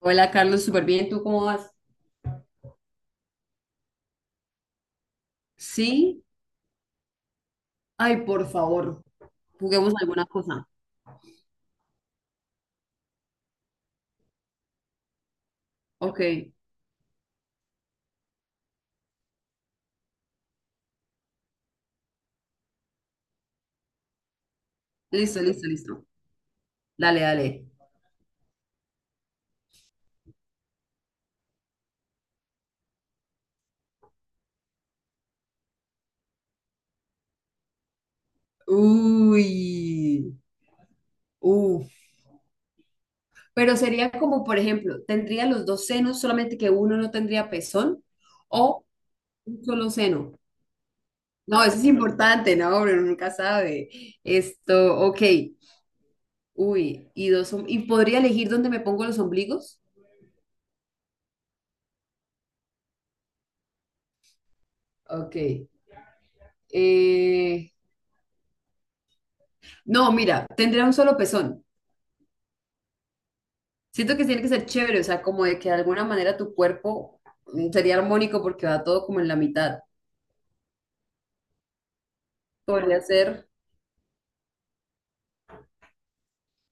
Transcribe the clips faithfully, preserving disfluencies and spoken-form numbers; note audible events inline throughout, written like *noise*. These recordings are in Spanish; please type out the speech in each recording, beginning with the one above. Hola Carlos, súper bien. ¿Tú cómo vas? Sí. Ay, por favor, juguemos alguna cosa. Ok, listo, listo, listo. Dale, dale. Uy, uf. Pero sería como, por ejemplo, tendría los dos senos, solamente que uno no tendría pezón o un solo seno. No, eso es importante, no, uno nunca sabe. Esto, ok. Uy, y dos, om- ¿y podría elegir dónde me pongo los ombligos? Ok. Eh, no, mira, tendría un solo pezón. Siento que tiene que ser chévere, o sea, como de que de alguna manera tu cuerpo mm, sería armónico porque va todo como en la mitad. Podría ser,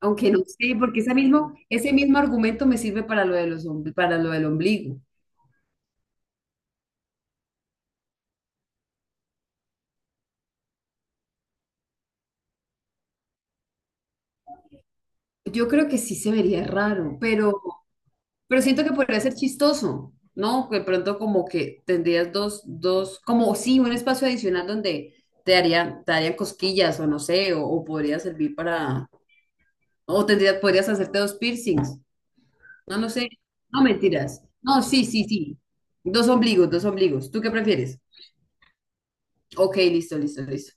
aunque no sé, porque ese mismo, ese mismo argumento me sirve para lo de los, ombli- para lo del ombligo. Yo creo que sí se vería raro, pero, pero siento que podría ser chistoso, ¿no? Que de pronto como que tendrías dos, dos, como sí, un espacio adicional donde te harían, te harían cosquillas o no sé, o, o podría servir para, o tendrías, podrías hacerte dos piercings. No, no sé. No, mentiras. No, sí, sí, sí. Dos ombligos, dos ombligos. ¿Tú qué prefieres? Ok, listo, listo, listo.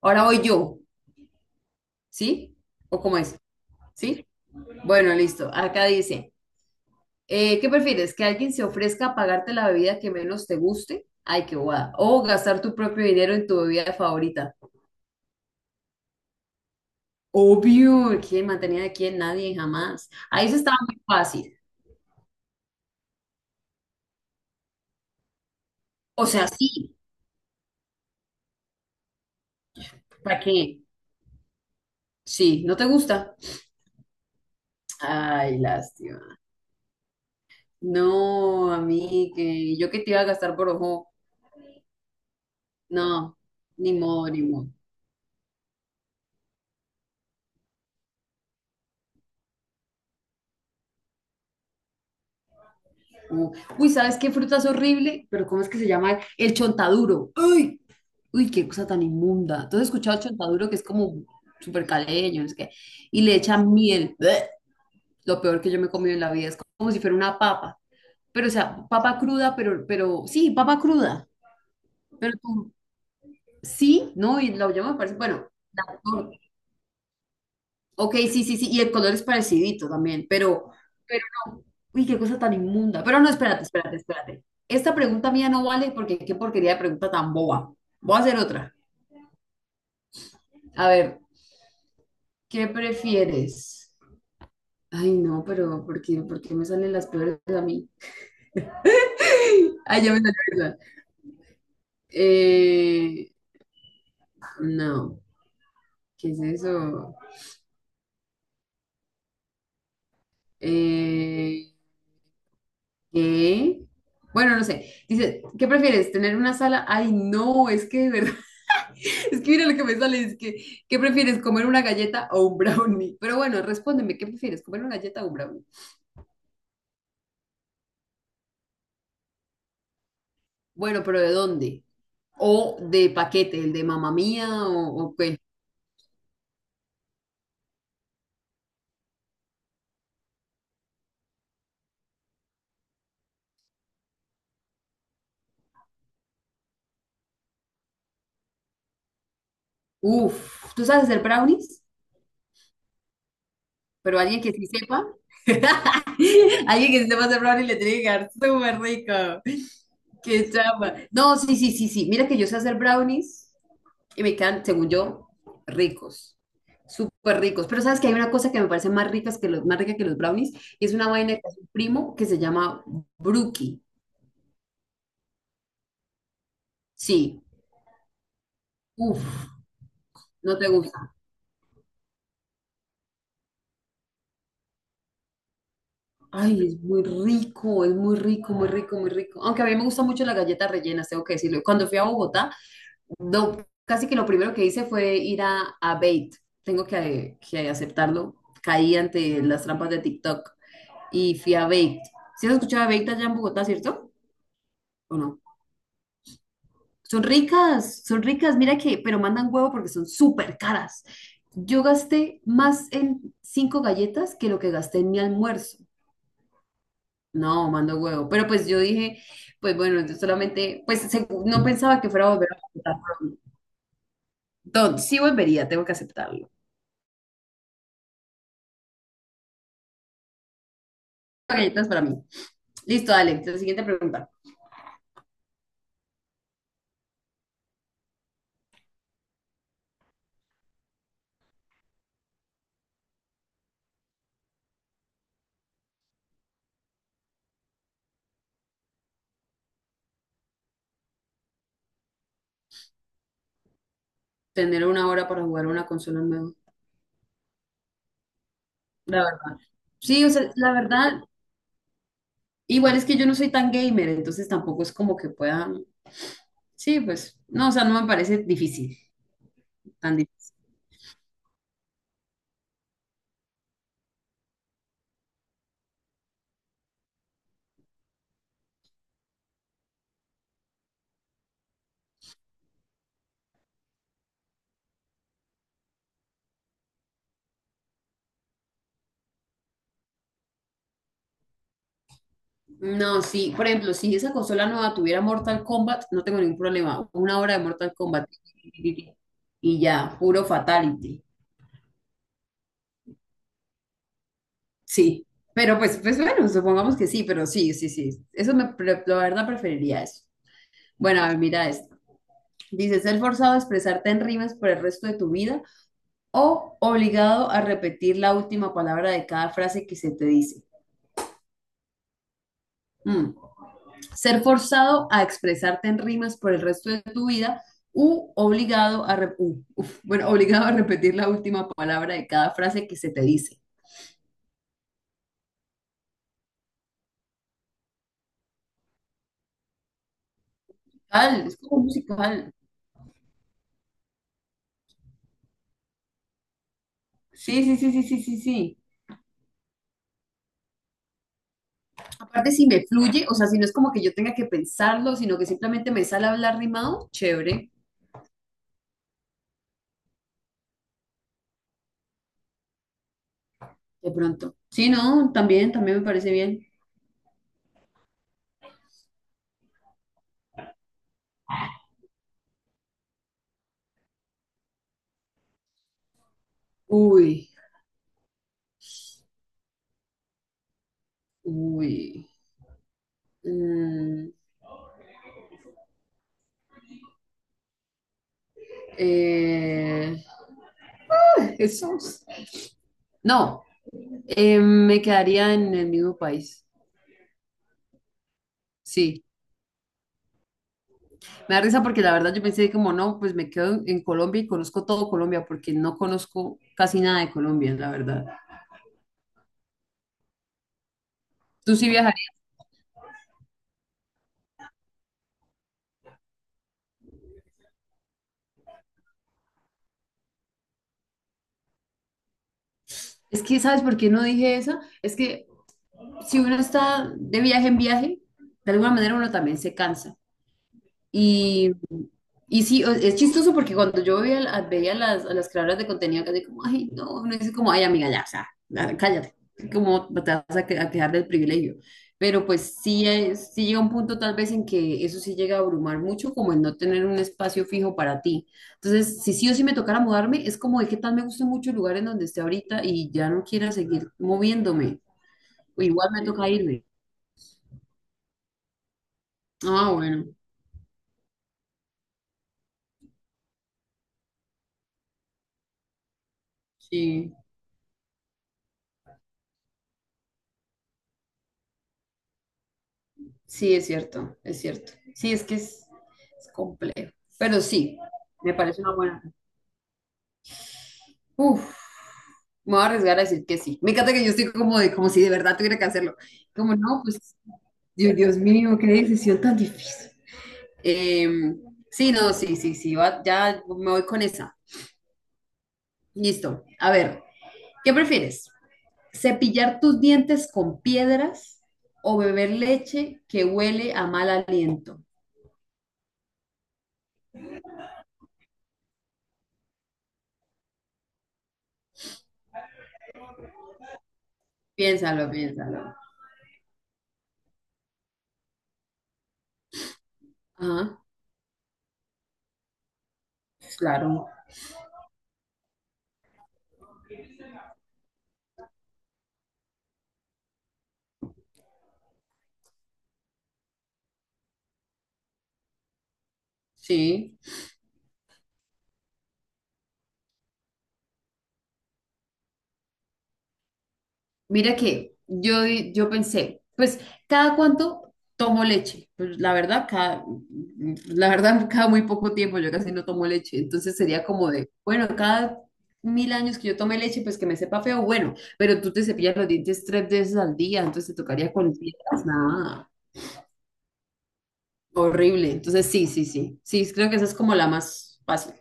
Ahora voy yo, ¿sí? ¿O cómo es? ¿Sí? Bueno, listo. Acá dice, eh, ¿qué prefieres? ¿Que alguien se ofrezca a pagarte la bebida que menos te guste? Ay, qué guada. O gastar tu propio dinero en tu bebida favorita. Obvio. ¿Quién mantenía de quién? Nadie, jamás. Ahí se estaba muy fácil. O sea, sí. ¿Para qué? Sí, ¿no te gusta? Ay, lástima. No, a mí que yo que te iba a gastar por ojo. No, ni modo, ni modo. Uh, Uy, ¿sabes qué fruta es horrible? Pero ¿cómo es que se llama? El chontaduro. Uy, uy, qué cosa tan inmunda. ¿Tú has escuchado chontaduro que es como súper caleño, no sé qué? Y le echan miel. Bleh. Lo peor que yo me he comido en la vida es como si fuera una papa. Pero, o sea, papa cruda, pero, pero, sí, papa cruda. Pero tú, sí, no, y la yo me parece, bueno, ok, sí, sí, sí, y el color es parecidito también, pero, pero no. Uy, qué cosa tan inmunda. Pero no, espérate, espérate, espérate. Esta pregunta mía no vale porque qué porquería de pregunta tan boba. Voy a hacer otra. A ver, ¿qué prefieres? Ay, no, pero ¿por qué, por qué me salen las peores a mí? *laughs* Ay, ya me salió esa. Eh, no, ¿qué es eso? Eh, ¿qué? Bueno, no sé. Dice, ¿qué prefieres? ¿Tener una sala? Ay, no, es que de verdad. Es que mira lo que me sale, es que, ¿qué prefieres, comer una galleta o un brownie? Pero bueno, respóndeme, ¿qué prefieres, comer una galleta o un brownie? Bueno, pero ¿de dónde? ¿O de paquete, el de mamá mía o, o qué? Uf, ¿tú sabes hacer brownies? Pero alguien que sí sepa, *laughs* alguien que sí sepa hacer brownies le tiene que quedar súper rico. Qué chamba. No, sí, sí, sí, sí. Mira que yo sé hacer brownies. Y me quedan, según yo, ricos, súper ricos. Pero sabes que hay una cosa que me parece más rica que los, más rica que los brownies y es una vaina que hace un primo que se llama brookie. Sí, uff, no te gusta. Ay, es muy rico, es muy rico, muy rico, muy rico. Aunque a mí me gusta mucho las galletas rellenas, tengo que decirlo. Cuando fui a Bogotá, no, casi que lo primero que hice fue ir a, a Bait. Tengo que, que aceptarlo. Caí ante las trampas de TikTok y fui a Bait. ¿Sí has escuchado de Bait allá en Bogotá, cierto? ¿O no? Son ricas, son ricas, mira que, pero mandan huevo porque son súper caras. Yo gasté más en cinco galletas que lo que gasté en mi almuerzo. No, mando huevo. Pero pues yo dije, pues bueno, yo solamente, pues se- no pensaba que fuera a volver a aceptar. Entonces, sí volvería, tengo que aceptarlo. Galletas para mí. Listo, dale. La siguiente pregunta. Tener una hora para jugar una consola nueva. La verdad. Sí, o sea, la verdad, igual es que yo no soy tan gamer, entonces tampoco es como que pueda. Sí, pues, no, o sea, no me parece difícil, tan difícil. No, sí, por ejemplo, si esa consola nueva tuviera Mortal Kombat, no tengo ningún problema. Una hora de Mortal Kombat y ya, puro fatality. Sí, pero pues, pues bueno, supongamos que sí, pero sí, sí, sí. Eso me, pre- la verdad preferiría eso. Bueno, a ver, mira esto. Dice, ser forzado a expresarte en rimas por el resto de tu vida o obligado a repetir la última palabra de cada frase que se te dice. Mm. Ser forzado a expresarte en rimas por el resto de tu vida u obligado a, re- u- uf, bueno, *laughs* obligado a repetir la última palabra de cada frase que se te dice. Musical, es como musical. Sí, sí, sí, sí, sí, sí, sí. Aparte, si me fluye, o sea, si no es como que yo tenga que pensarlo, sino que simplemente me sale a hablar rimado, chévere, de pronto. Sí, no, también, también me parece bien. Uy, uy. mm, eh, Jesús. No, Eh, me quedaría en el mismo país. Sí, me da risa porque la verdad yo pensé como no, pues me quedo en Colombia y conozco todo Colombia porque no conozco casi nada de Colombia, la verdad. Tú sí viajarías. Es que, ¿sabes por qué no dije eso? Es que si uno está de viaje en viaje, de alguna manera uno también se cansa. Y, y sí, o- es chistoso porque cuando yo veía, a- veía a las, a las creadoras de contenido, casi como, ay, no, no es como, ay, amiga, ya, o sea, ya, cállate, como "No te vas a, que- a quejar del privilegio. Pero pues sí, es- sí llega un punto tal vez en que eso sí llega a abrumar mucho, como el no tener un espacio fijo para ti. Entonces, si sí o sí me tocara mudarme, es como de qué tal me gusta mucho el lugar en donde esté ahorita y ya no quiera seguir moviéndome, o igual me toca irme. Ah, bueno, sí. Sí, es cierto, es cierto. Sí, es que es, es complejo. Pero sí, me parece una buena. Uf, me voy a arriesgar a decir que sí. Me encanta que yo estoy como de, como si de verdad tuviera que hacerlo. Como no, pues, Dios, Dios mío, qué decisión tan difícil. Em, sí, no, sí, sí, sí, va- ya me voy con esa. Listo. A ver, ¿qué prefieres? ¿Cepillar tus dientes con piedras o beber leche que huele a mal aliento? Piénsalo, piénsalo. Ajá. Claro, sí. Mira que yo, di- yo pensé, pues, ¿cada cuánto tomo leche? Pues la verdad, cada, la verdad, cada muy poco tiempo yo casi no tomo leche. Entonces sería como de, bueno, cada mil años que yo tome leche, pues que me sepa feo, bueno, pero tú te cepillas los dientes tres veces al día, entonces te tocaría con piedras, nada, horrible. Entonces sí, sí, sí, sí, creo que esa es como la más fácil.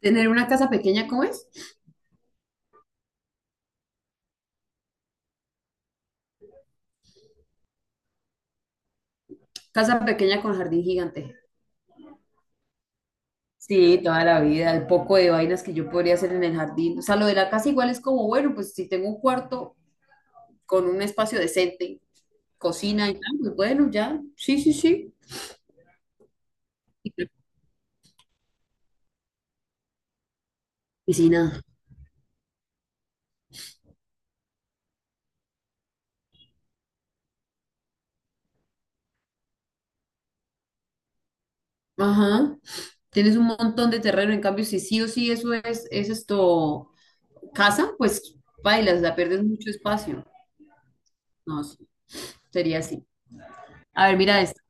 Tener una casa pequeña, ¿cómo es? Casa pequeña con jardín gigante. Sí, toda la vida, el poco de vainas que yo podría hacer en el jardín. O sea, lo de la casa igual es como, bueno, pues si tengo un cuarto con un espacio decente, cocina y tal, pues bueno, ya, sí, sí, sí. Y piscina. Ajá. Tienes un montón de terreno, en cambio, si sí o sí eso es, es esto, casa, pues bailas, la pierdes mucho espacio. No, sí, sería así. A ver, mira esto.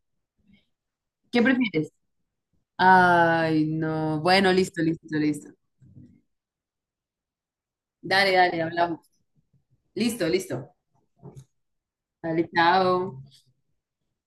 ¿Qué prefieres? Ay, no. Bueno, listo, listo, listo. Dale, dale, hablamos. Listo, listo. Dale, chao.